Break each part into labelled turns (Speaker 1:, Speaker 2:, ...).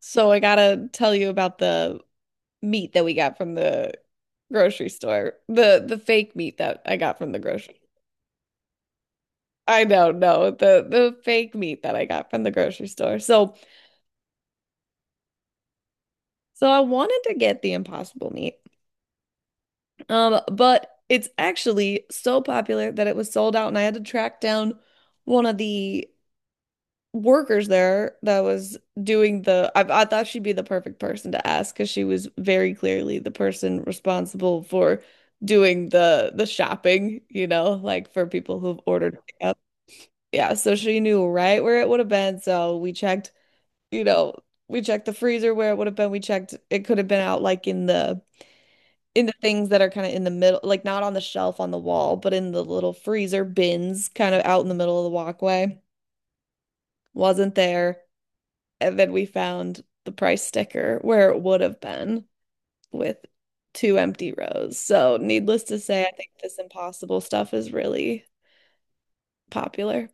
Speaker 1: So I gotta tell you about the meat that we got from the grocery store. The fake meat that I got from the grocery. I don't know, no, the fake meat that I got from the grocery store. So I wanted to get the impossible meat. But it's actually so popular that it was sold out and I had to track down one of the workers there that was doing the I thought she'd be the perfect person to ask because she was very clearly the person responsible for doing the shopping, like for people who've ordered pickup. Yeah, so she knew right where it would have been. So we checked, you know, we checked the freezer where it would have been. We checked it could have been out like in the things that are kind of in the middle, like not on the shelf on the wall, but in the little freezer bins kind of out in the middle of the walkway. Wasn't there. And then we found the price sticker where it would have been with two empty rows. So, needless to say, I think this impossible stuff is really popular.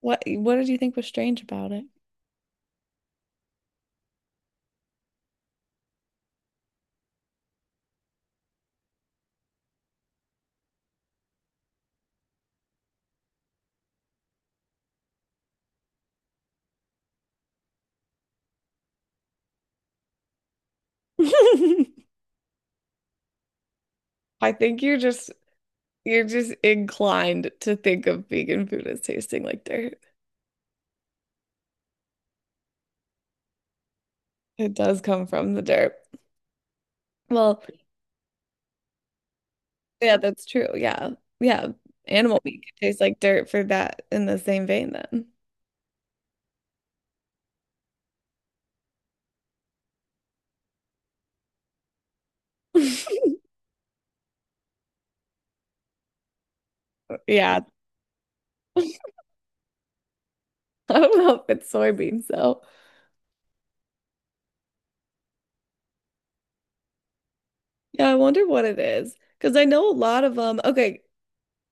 Speaker 1: What did you think was strange about it? I think you're just inclined to think of vegan food as tasting like dirt. It does come from the dirt. Well, yeah, that's true. Yeah. Yeah. Animal meat can taste like dirt for that in the same vein then. Yeah. I don't know if it's soybeans though. Yeah, I wonder what it is. Because I know a lot of them. Okay,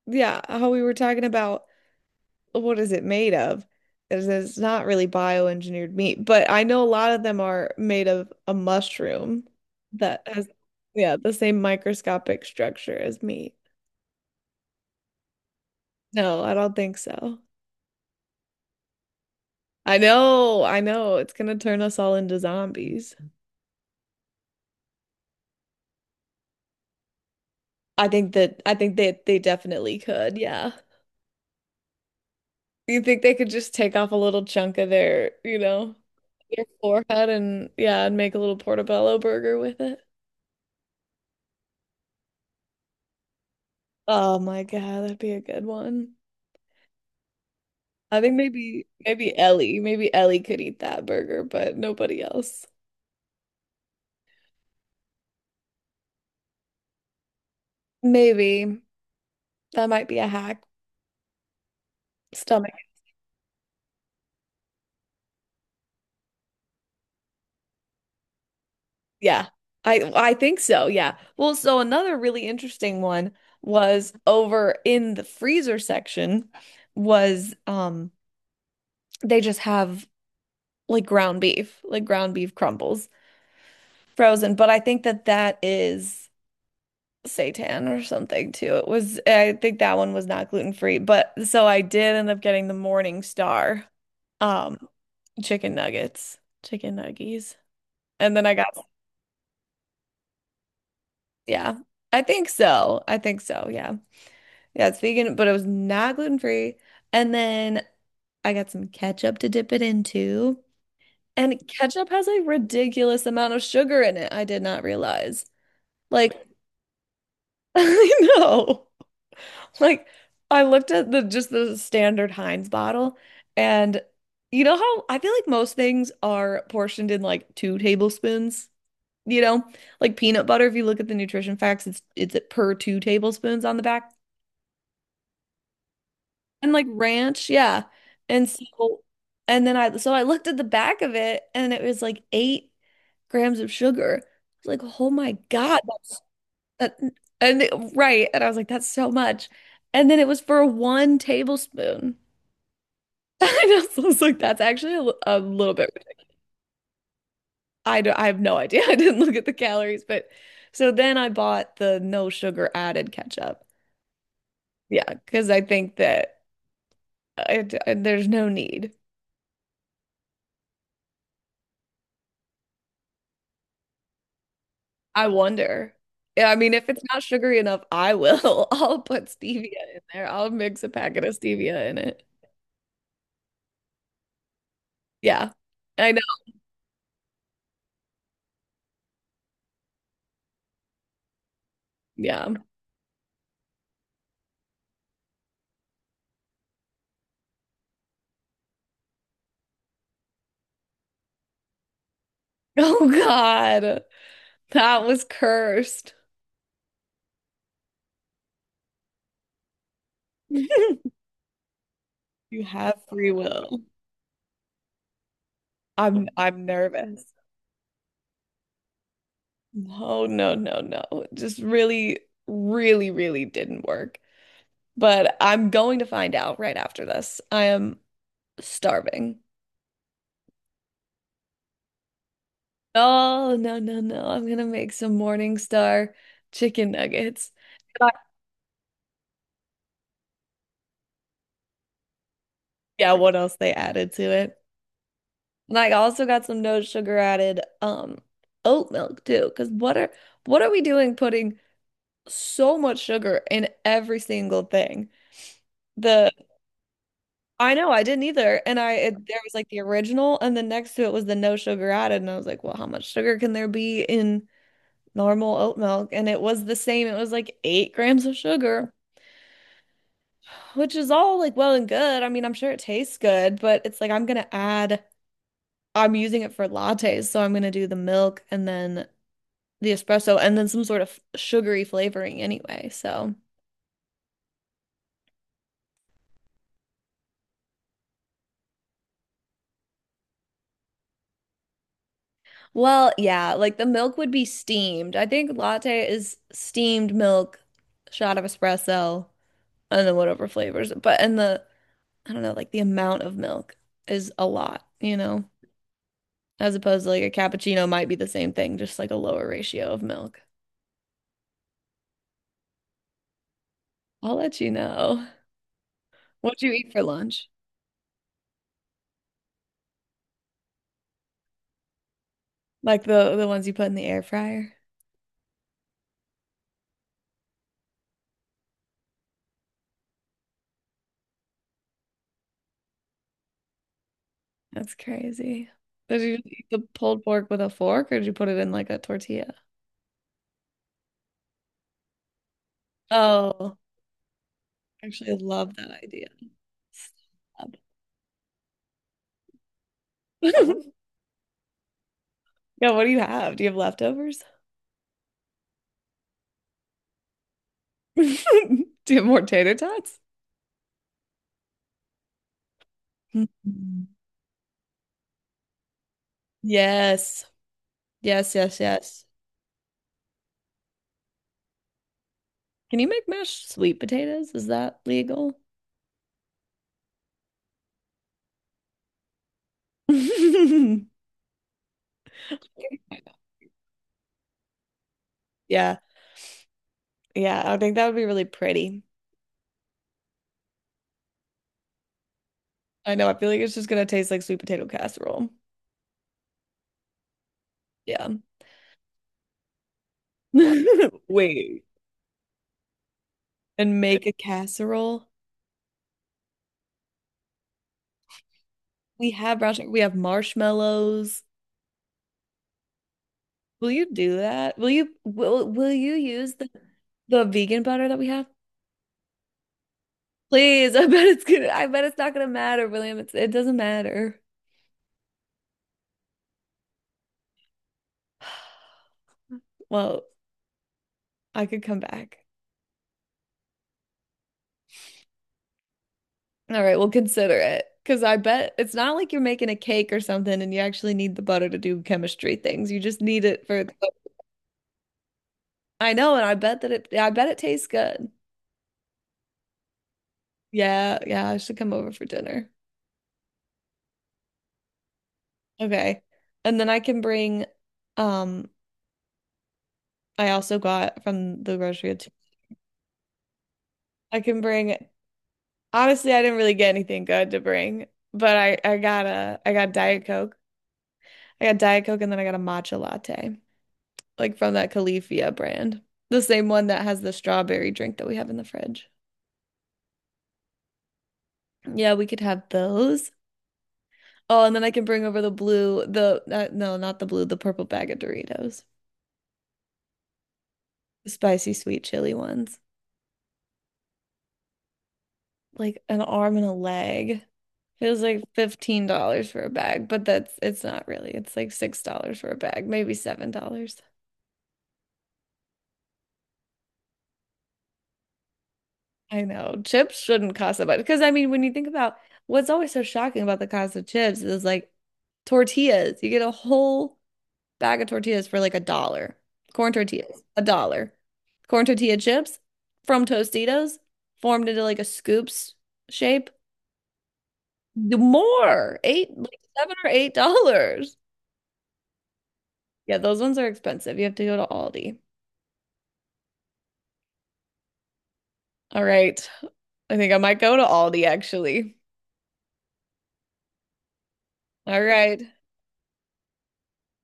Speaker 1: yeah, how we were talking about what is it made of? It's not really bioengineered meat, but I know a lot of them are made of a mushroom that has, yeah, the same microscopic structure as meat. No, I don't think so. I know, I know. It's gonna turn us all into zombies. I think that they definitely could, yeah. You think they could just take off a little chunk of their, you know, your forehead and yeah, and make a little portobello burger with it? Oh my God, that'd be a good one. I think maybe Ellie could eat that burger, but nobody else. Maybe that might be a hack. Stomach. Yeah. I think so. Yeah. Well, so another really interesting one was over in the freezer section was they just have like ground beef crumbles frozen. But I think that that is seitan or something too. It was, I think that one was not gluten free. But so I did end up getting the Morning Star, um, chicken nuggets, chicken nuggies. And then I got, yeah, I think so. I think so. Yeah. Yeah. It's vegan, but it was not gluten free. And then I got some ketchup to dip it into. And ketchup has a ridiculous amount of sugar in it. I did not realize. Like, I know. Like I looked at the just the standard Heinz bottle and you know how I feel like most things are portioned in like 2 tablespoons, you know? Like peanut butter, if you look at the nutrition facts, it's at per 2 tablespoons on the back. And like ranch, yeah. And so and then I so I looked at the back of it and it was like 8 grams of sugar. I was like, oh my God, that's Uh, right. And I was like, that's so much. And then it was for 1 tablespoon. And I was like, that's actually a little bit ridiculous. I don't, I have no idea. I didn't look at the calories, but so then I bought the no sugar added ketchup. Yeah, because I think that there's no need. I wonder. Yeah, I mean, if it's not sugary enough, I will. I'll put stevia in there. I'll mix a packet of stevia in it. Yeah, I know. Yeah. Oh God. That was cursed. You have free will. I'm nervous. No, no, no, no. It just really, really, really didn't work. But I'm going to find out right after this. I am starving. Oh, no, no, no. I'm gonna make some Morningstar chicken nuggets. And I- Yeah, what else they added to it? And I also got some no sugar added oat milk too. Because what are we doing putting so much sugar in every single thing. The I know I didn't either, and there was like the original, and then next to it was the no sugar added, and I was like, well, how much sugar can there be in normal oat milk? And it was the same. It was like 8 grams of sugar, which is all like well and good. I mean, I'm sure it tastes good, but it's like I'm gonna add. I'm using it for lattes, so I'm gonna do the milk and then the espresso and then some sort of sugary flavoring anyway. So. Well, yeah, like the milk would be steamed. I think latte is steamed milk, shot of espresso, and then whatever flavors. But and the I don't know, like the amount of milk is a lot, you know, as opposed to like a cappuccino might be the same thing, just like a lower ratio of milk. I'll let you know. What'd you eat for lunch? Like the ones you put in the air fryer? That's crazy. Did you just eat the pulled pork with a fork, or did you put it in like a tortilla? Oh, I actually love that idea. Yeah, what do you have? Do you have leftovers? Do you have more tater tots? Mhm. Yes. Yes, yes, yes. Can you make mashed sweet potatoes? Is that legal? Yeah. Yeah, I think that would be really pretty. I know. I feel like it's just gonna taste like sweet potato casserole. Yeah. Wait. And make a casserole. We have brown sugar. We have marshmallows. Will you do that? Will you will you use the vegan butter that we have? Please, I bet it's gonna, I bet it's not gonna matter, William. It's, it doesn't matter. Well, I could come back. All right, we'll consider it. Because I bet it's not like you're making a cake or something and you actually need the butter to do chemistry things. You just need it for the, I know, and I bet that it, I bet it tastes good. Yeah, yeah, I should come over for dinner. Okay. And then I can bring, um, I also got from the grocery, too. I can bring Honestly, I didn't really get anything good to bring, but I got a I got Diet Coke. I got Diet Coke and then I got a matcha latte, like from that Califia brand. The same one that has the strawberry drink that we have in the fridge. Yeah, we could have those. Oh, and then I can bring over the blue, the no, not the blue, the purple bag of Doritos. The spicy sweet chili ones. Like an arm and a leg. It was like $15 for a bag, but that's it's not really. It's like $6 for a bag, maybe $7. I know chips shouldn't cost that much because I mean, when you think about what's always so shocking about the cost of chips is like tortillas. You get a whole bag of tortillas for like a dollar. Corn tortillas, a dollar. Corn tortilla chips from Tostitos formed into like a scoops shape. The More, eight, like $7 or $8. Yeah, those ones are expensive. You have to go to Aldi. All right. I think I might go to Aldi actually. All right.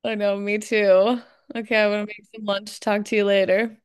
Speaker 1: I know, me too. Okay, I'm gonna make some lunch. Talk to you later.